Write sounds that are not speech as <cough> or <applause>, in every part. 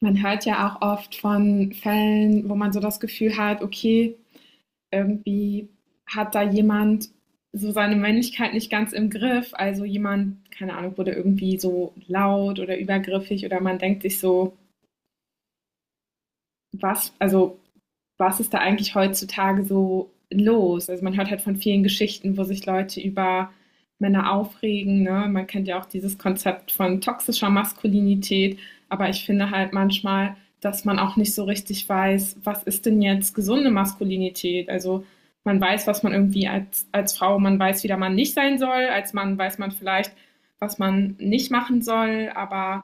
Man hört ja auch oft von Fällen, wo man so das Gefühl hat, okay, irgendwie hat da jemand so seine Männlichkeit nicht ganz im Griff. Also jemand, keine Ahnung, wurde irgendwie so laut oder übergriffig oder man denkt sich so, was, also was ist da eigentlich heutzutage so los? Also man hört halt von vielen Geschichten, wo sich Leute über Männer aufregen. Ne? Man kennt ja auch dieses Konzept von toxischer Maskulinität. Aber ich finde halt manchmal, dass man auch nicht so richtig weiß, was ist denn jetzt gesunde Maskulinität? Also man weiß, was man irgendwie als Frau, man weiß, wie der Mann nicht sein soll. Als Mann weiß man vielleicht, was man nicht machen soll. Aber.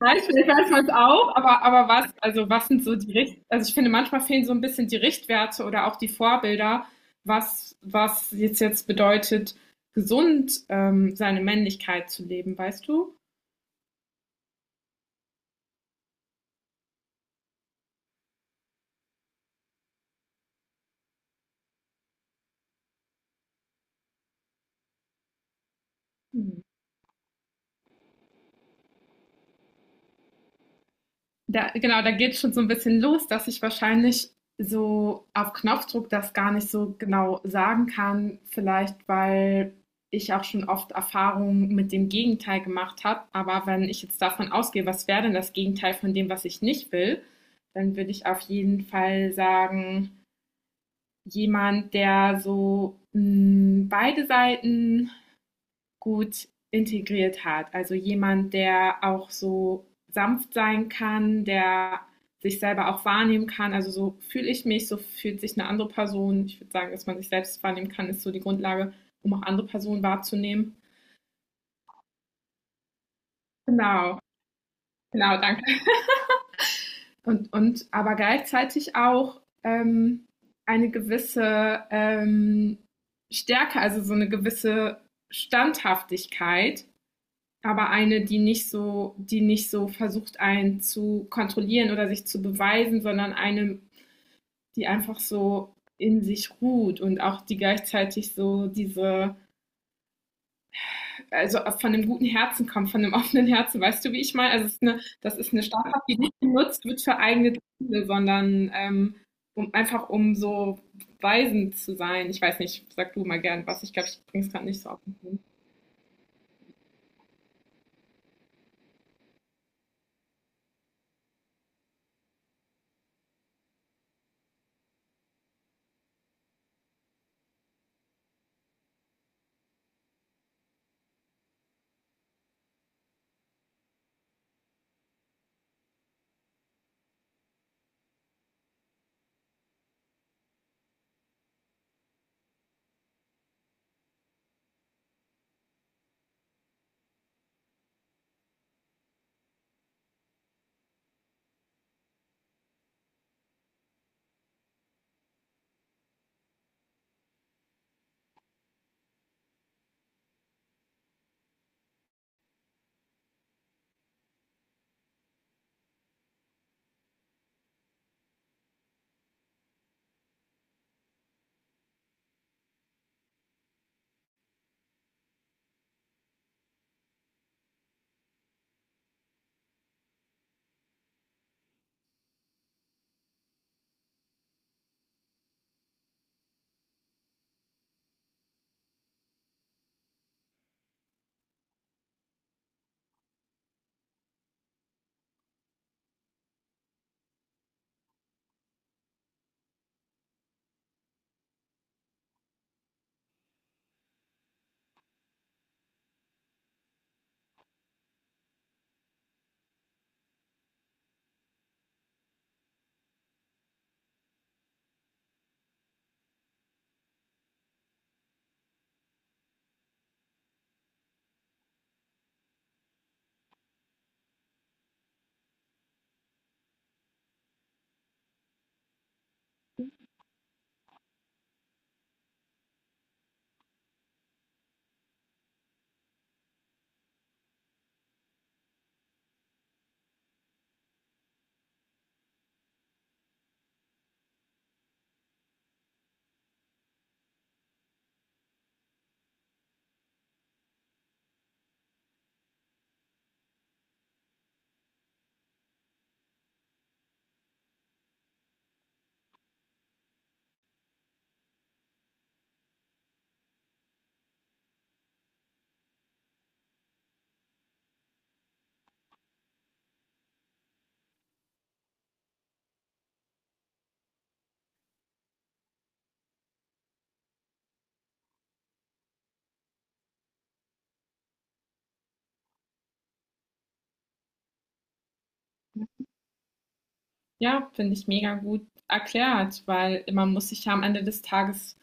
Nein, ich finde, ich weiß es auch, aber was, also was sind so also ich finde, manchmal fehlen so ein bisschen die Richtwerte oder auch die Vorbilder, was jetzt bedeutet, gesund seine Männlichkeit zu leben, weißt du? Da, genau, da geht schon so ein bisschen los, dass ich wahrscheinlich so auf Knopfdruck das gar nicht so genau sagen kann. Vielleicht, weil ich auch schon oft Erfahrungen mit dem Gegenteil gemacht habe. Aber wenn ich jetzt davon ausgehe, was wäre denn das Gegenteil von dem, was ich nicht will, dann würde ich auf jeden Fall sagen, jemand, der so beide Seiten gut integriert hat. Also jemand, der auch so sanft sein kann, der sich selber auch wahrnehmen kann. Also so fühle ich mich, so fühlt sich eine andere Person. Ich würde sagen, dass man sich selbst wahrnehmen kann, ist so die Grundlage, um auch andere Personen wahrzunehmen. Genau, genau, danke. Und aber gleichzeitig auch eine gewisse Stärke, also so eine gewisse Standhaftigkeit. Aber eine, die nicht so versucht, einen zu kontrollieren oder sich zu beweisen, sondern eine, die einfach so in sich ruht und auch die gleichzeitig so diese, also von einem guten Herzen kommt, von einem offenen Herzen, weißt du, wie ich meine? Also es ist eine, das ist eine Straftat, die nicht genutzt wird für eigene Ziele, sondern um einfach um so weisend zu sein. Ich weiß nicht, sag du mal gern was. Ich glaube, ich bringe es gerade nicht so auf den Punkt. Ja, finde ich mega gut erklärt, weil man muss sich ja am Ende des Tages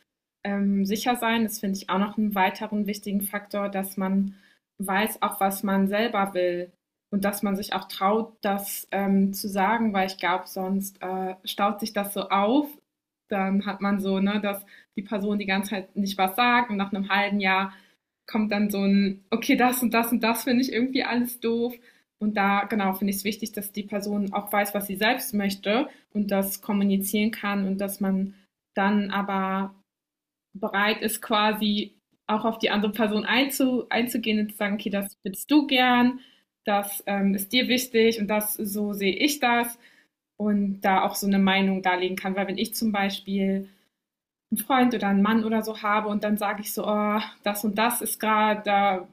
sicher sein. Das finde ich auch noch einen weiteren wichtigen Faktor, dass man weiß auch, was man selber will und dass man sich auch traut, das zu sagen, weil ich glaube, sonst staut sich das so auf. Dann hat man so, ne, dass die Person die ganze Zeit nicht was sagt und nach einem halben Jahr kommt dann so ein, okay, das und das und das finde ich irgendwie alles doof. Und da, genau, finde ich es wichtig, dass die Person auch weiß, was sie selbst möchte und das kommunizieren kann und dass man dann aber bereit ist, quasi auch auf die andere Person einzugehen und zu sagen, okay, das willst du gern, das ist dir wichtig und das, so sehe ich das und da auch so eine Meinung darlegen kann. Weil wenn ich zum Beispiel einen Freund oder einen Mann oder so habe und dann sage ich so, oh, das und das ist gerade, da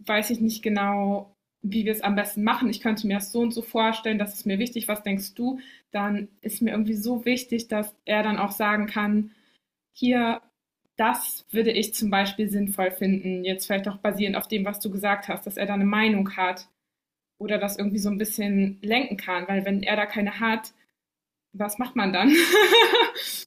weiß ich nicht genau, wie wir es am besten machen. Ich könnte mir das so und so vorstellen, das ist mir wichtig, was denkst du? Dann ist mir irgendwie so wichtig, dass er dann auch sagen kann, hier, das würde ich zum Beispiel sinnvoll finden, jetzt vielleicht auch basierend auf dem, was du gesagt hast, dass er da eine Meinung hat oder das irgendwie so ein bisschen lenken kann, weil wenn er da keine hat, was macht man dann? <laughs>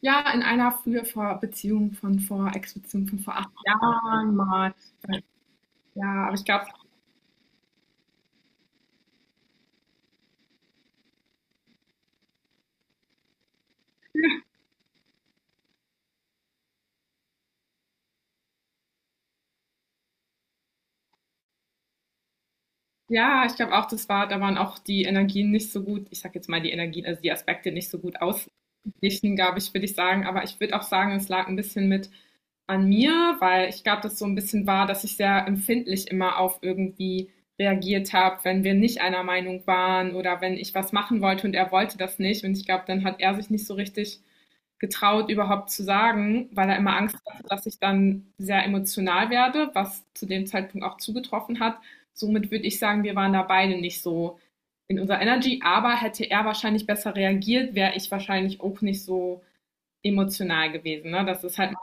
Ja, in einer früher vor Beziehung von vor, Ex-Beziehung von vor 8 Jahren mal. Ja, aber ich glaube. Ja, ich glaube auch, das war, da waren auch die Energien nicht so gut, ich sag jetzt mal die Energien, also die Aspekte nicht so gut ausgeglichen, glaube ich, würde ich sagen. Aber ich würde auch sagen, es lag ein bisschen mit an mir, weil ich glaube, das so ein bisschen war, dass ich sehr empfindlich immer auf irgendwie reagiert habe, wenn wir nicht einer Meinung waren oder wenn ich was machen wollte und er wollte das nicht. Und ich glaube, dann hat er sich nicht so richtig getraut, überhaupt zu sagen, weil er immer Angst hatte, dass ich dann sehr emotional werde, was zu dem Zeitpunkt auch zugetroffen hat. Somit würde ich sagen, wir waren da beide nicht so in unserer Energy, aber hätte er wahrscheinlich besser reagiert, wäre ich wahrscheinlich auch nicht so emotional gewesen. Ne? Das ist halt,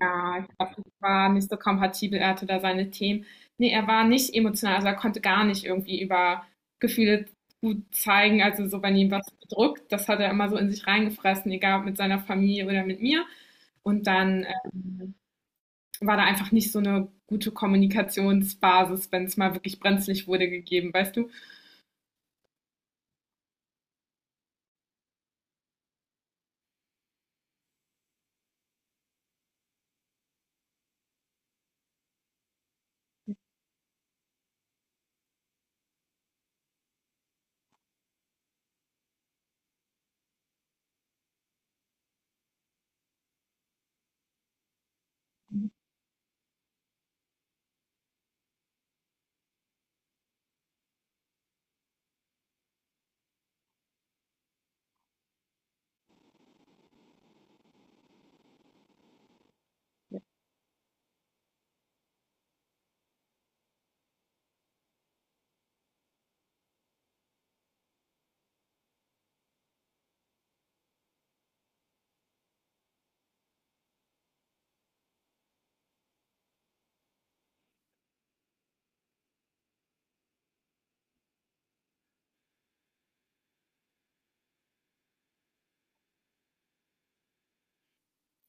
ja, ich glaub, ich war nicht so kompatibel, er hatte da seine Themen. Nee, er war nicht emotional, also er konnte gar nicht irgendwie über Gefühle gut zeigen. Also so, wenn ihm was bedrückt, das hat er immer so in sich reingefressen, egal ob mit seiner Familie oder mit mir. Und dann ähm, war da einfach nicht so eine gute Kommunikationsbasis, wenn es mal wirklich brenzlig wurde, gegeben, weißt du?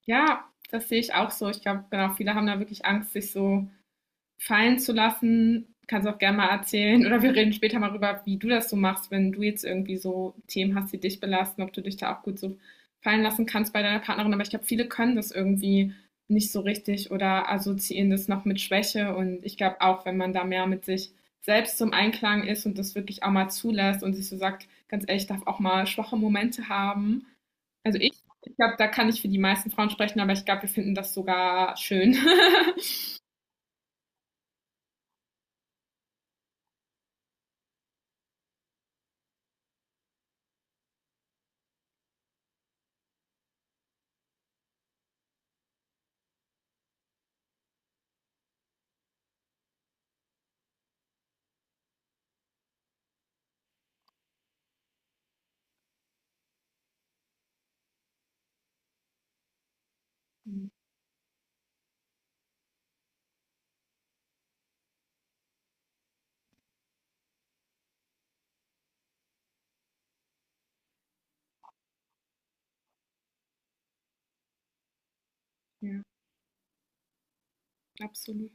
Ja, das sehe ich auch so. Ich glaube, genau, viele haben da wirklich Angst, sich so fallen zu lassen. Kannst auch gerne mal erzählen oder wir reden später mal darüber, wie du das so machst, wenn du jetzt irgendwie so Themen hast, die dich belasten, ob du dich da auch gut so fallen lassen kannst bei deiner Partnerin. Aber ich glaube, viele können das irgendwie nicht so richtig oder assoziieren das noch mit Schwäche. Und ich glaube auch, wenn man da mehr mit sich selbst zum Einklang ist und das wirklich auch mal zulässt und sich so sagt, ganz ehrlich, ich darf auch mal schwache Momente haben. Also ich glaube, da kann ich für die meisten Frauen sprechen, aber ich glaube, wir finden das sogar schön. <laughs> Ja, absolut.